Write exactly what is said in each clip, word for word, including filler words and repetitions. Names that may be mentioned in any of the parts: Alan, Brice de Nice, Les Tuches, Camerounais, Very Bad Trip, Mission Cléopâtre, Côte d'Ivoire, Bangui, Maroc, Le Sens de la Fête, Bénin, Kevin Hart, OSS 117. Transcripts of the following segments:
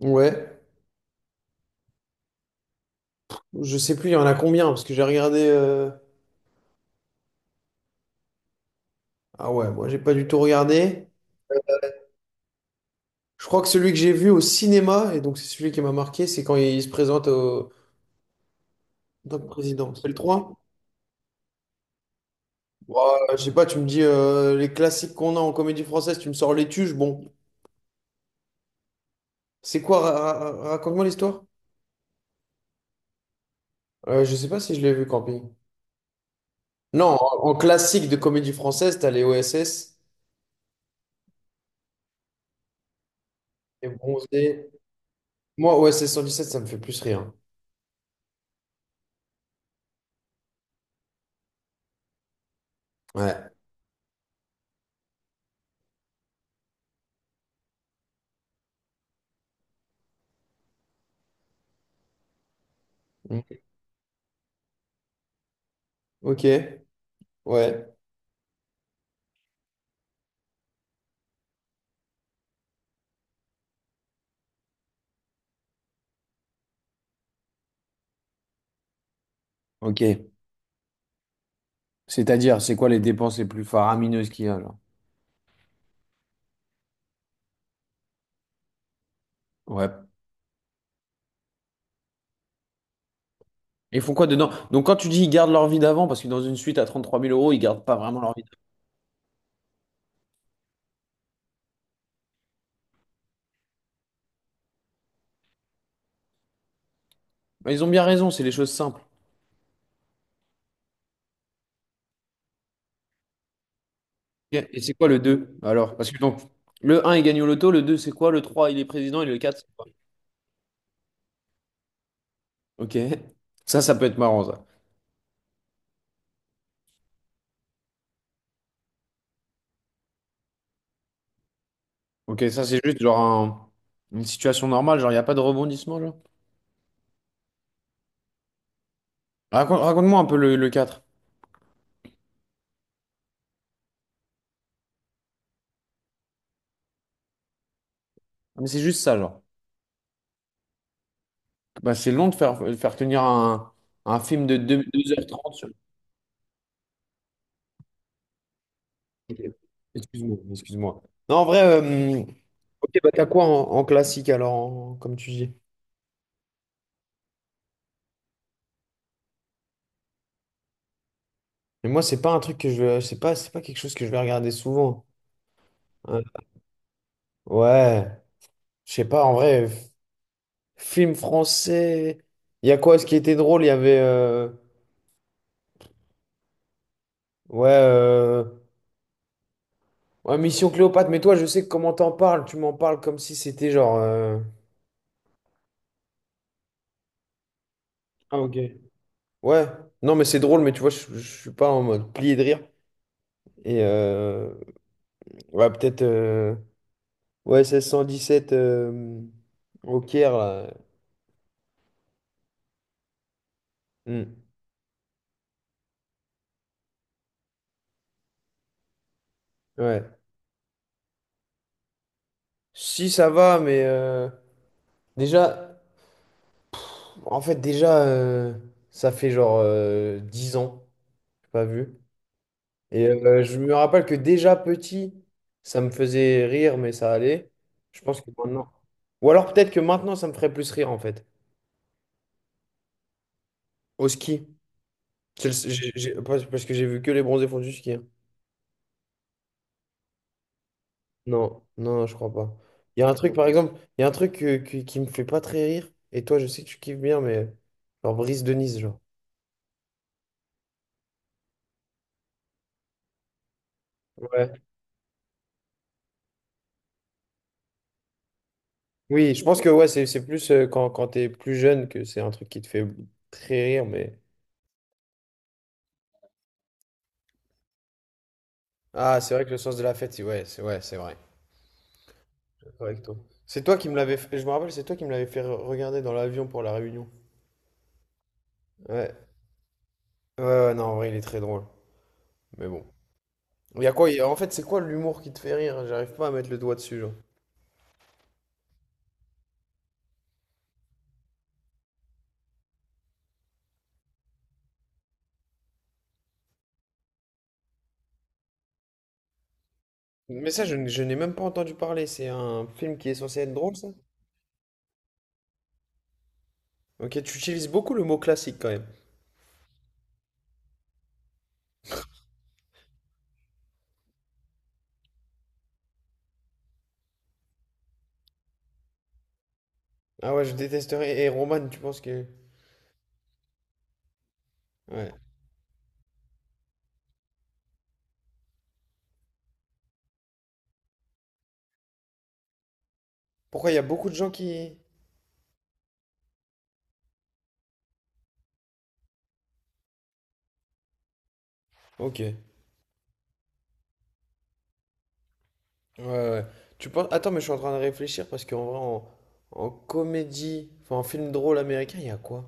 Ouais, je sais plus, il y en a combien, parce que j'ai regardé. euh, Ah ouais, moi j'ai pas du tout regardé. Je crois que celui que j'ai vu au cinéma, et donc c'est celui qui m'a marqué, c'est quand il se présente, au... en tant que président. C'est le trois. Ouais, je sais pas, tu me dis euh, les classiques qu'on a en comédie française, tu me sors Les Tuches, bon. C'est quoi, ra- ra- raconte-moi l'histoire? Euh, je sais pas si je l'ai vu, Camping. Non, en, en classique de comédie française, t'as les O S S et Bronzé. Moi, O S S cent dix-sept, ça me fait plus rire. Ouais. Ok, ouais. Ok. C'est-à-dire, c'est quoi les dépenses les plus faramineuses qu'il y a, genre? Ouais. Ils font quoi dedans? Donc quand tu dis ils gardent leur vie d'avant, parce que dans une suite à trente-trois mille euros, ils gardent pas vraiment leur vie d'avant. Mais Ils ont bien raison, c'est les choses simples. Ok, Et c'est quoi le deux Alors, parce que donc, le un il gagne au loto, le deux c'est quoi? Le trois il est président, et le quatre c'est quoi? Ok. Ça, ça peut être marrant, ça. Ok, ça, c'est juste genre un- une situation normale, genre, il n'y a pas de rebondissement, genre. Raconte, raconte-moi un peu le, le quatre. Ah, Mais c'est juste ça, genre. Bah, c'est long de faire, faire tenir un, un film de deux heures trente. Ok. Excuse-moi, excuse-moi. Non, en vrai, euh, ok, bah t'as quoi en, en classique alors, en- comme tu dis? Mais moi, c'est pas un truc que je, c'est pas, c'est pas quelque chose que je vais regarder souvent. Euh, ouais, je sais pas. En vrai, f- film français. Il y a quoi, ce qui était drôle? Il y avait, euh, ouais, euh, ouais, Mission Cléopâtre. Mais toi, je sais comment t'en parles. Tu m'en parles comme si c'était genre, euh, Ah, ok. Ouais. Non, mais c'est drôle. Mais tu vois, je, je suis pas en mode plié de rire. Et euh, ouais, peut-être. euh, Ouais, seize cent dix-sept euh, au Caire, là. Hmm. Ouais. Si, ça va, mais euh, déjà, en fait, déjà, euh, ça fait genre euh, 10 ans, j'ai pas vu. Et euh, je me rappelle que déjà petit, ça me faisait rire, mais ça allait. Je pense que maintenant. Ou alors peut-être que maintenant, ça me ferait plus rire, en fait. Au ski. C'est le- j'ai- j'ai- Parce parce que j'ai vu que les bronzés font du ski, hein. Non, non, je crois pas. Il y a un truc, par exemple, il y a un truc que- que- qui me fait pas très rire. Et toi, je sais que tu kiffes bien, mais genre Brice de Nice, genre. Ouais. Oui, je pense que ouais, c'est c'est plus euh, quand, quand t'es plus jeune que c'est un truc qui te fait très rire, mais. Ah, c'est vrai que le sens de la fête, c'est- ouais, c'est ouais, c'est vrai. D'accord avec toi. C'est toi qui me l'avais fait, je me rappelle, c'est toi qui me l'avais fait re- regarder dans l'avion pour la réunion. Ouais. Ouais, ouais, non, en vrai, il est très drôle. Mais bon. Il y a quoi, il y a- en fait, c'est quoi l'humour qui te fait rire? J'arrive pas à mettre le doigt dessus, genre. Mais ça, je, n- je n'ai même pas entendu parler. C'est un film qui est censé être drôle, ça? Ok, tu utilises beaucoup le mot classique quand même. Ah ouais, je détesterais. Et Roman, tu penses que... Ouais. Pourquoi il y a beaucoup de gens qui... Ok. Ouais, ouais, ouais. Tu penses... Attends, mais je suis en train de réfléchir parce qu'en vrai, en, en comédie, enfin en film drôle américain, il y a quoi?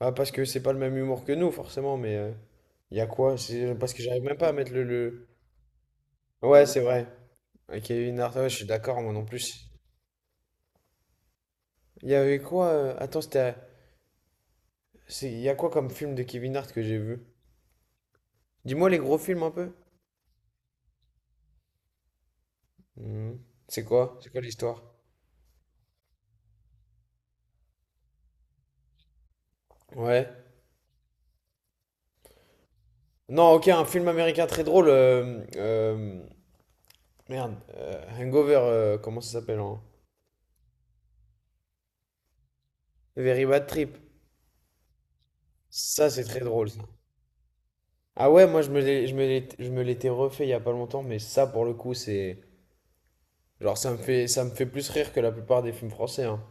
Ah, parce que c'est pas le même humour que nous, forcément, mais... euh, Il y a quoi? C'est parce que j'arrive même pas à mettre le... le- Ouais, c'est vrai. Ok, une art... ouais, je suis d'accord, moi non plus. Il y avait quoi? euh, Attends, c'était... C'est, Il y a quoi comme film de Kevin Hart que j'ai vu? Dis-moi les gros films un peu. Hmm. C'est quoi? C'est quoi l'histoire? Ouais. Non, ok, un film américain très drôle. Euh, euh, merde. euh, Hangover, euh, comment ça s'appelle en... Very Bad Trip. Ça, c'est très drôle, ça. Ah ouais, moi, je me l'ai- je me l'ai- je me l'étais refait il y a pas longtemps, mais ça, pour le coup, c'est... Genre, ça me fait, ça me fait plus rire que la plupart des films français, hein.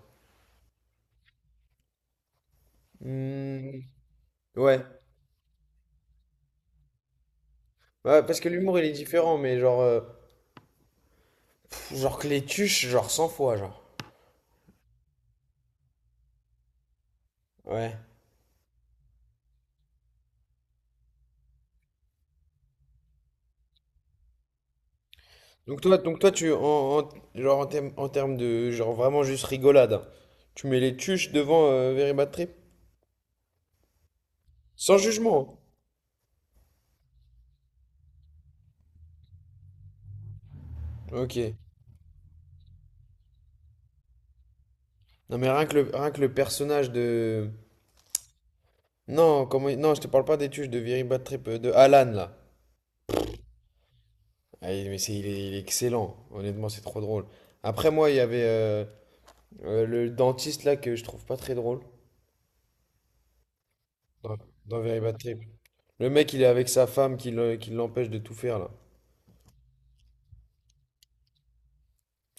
Hmm. Ouais. Ouais, parce que l'humour, il est différent, mais genre... euh, pff, genre que les tuches, genre cent fois, genre. Ouais. Donc toi, donc toi tu en, en- genre en, termes en termes de genre vraiment juste rigolade, hein, tu mets les tuches devant euh, Very Bad Trip? Sans jugement. Hein. Ok. Non mais rien que le, rien que le personnage de non comment il- non, je te parle pas des tuches de Very Bad Trip, euh, de Alan là. Ah, il- mais c'est il est, il est excellent. Honnêtement c'est trop drôle. Après moi il y avait euh, euh, le dentiste là que je trouve pas très drôle dans, dans Very Bad Trip. Le mec il est avec sa femme qui l'en- qui l'empêche de tout faire là.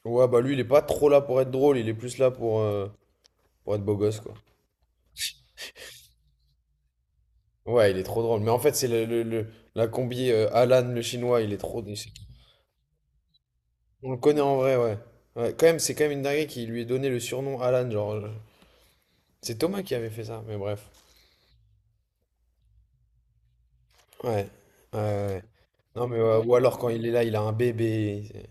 Ouais bah lui il est pas trop là pour être drôle, il est plus là pour euh, Pour être beau gosse, quoi. Ouais, il est trop drôle. Mais en fait, c'est le, le- le- la combi euh, Alan, le chinois, il est trop. On le connaît en vrai, ouais. Ouais, quand même, c'est quand même une dinguerie qui lui ait donné le surnom Alan. Genre, euh, c'est Thomas qui avait fait ça, mais bref. Ouais. Ouais, ouais. Non, mais ouais, ou alors quand il est là, il a un bébé. c'est-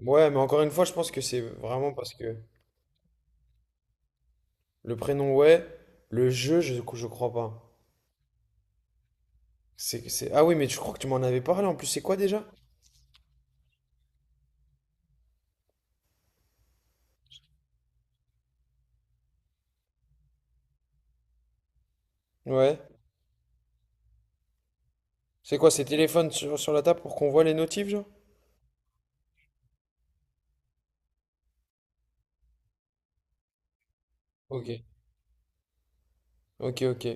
Ouais, mais encore une fois, je pense que c'est vraiment parce que le prénom, ouais. Le jeu, je, je crois pas. C'est, c'est... Ah oui, mais tu crois que tu m'en avais parlé en plus, c'est quoi déjà? Ouais. C'est quoi, ces téléphones sur, sur la table pour qu'on voit les notifs, genre? Ok. Ok, ok.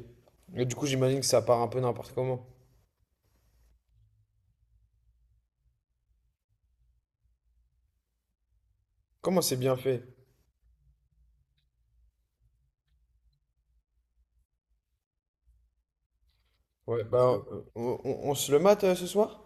Et du coup, j'imagine que ça part un peu n'importe comment. Comment c'est bien fait? Ouais, bah, on, on- on se le mate euh, ce soir?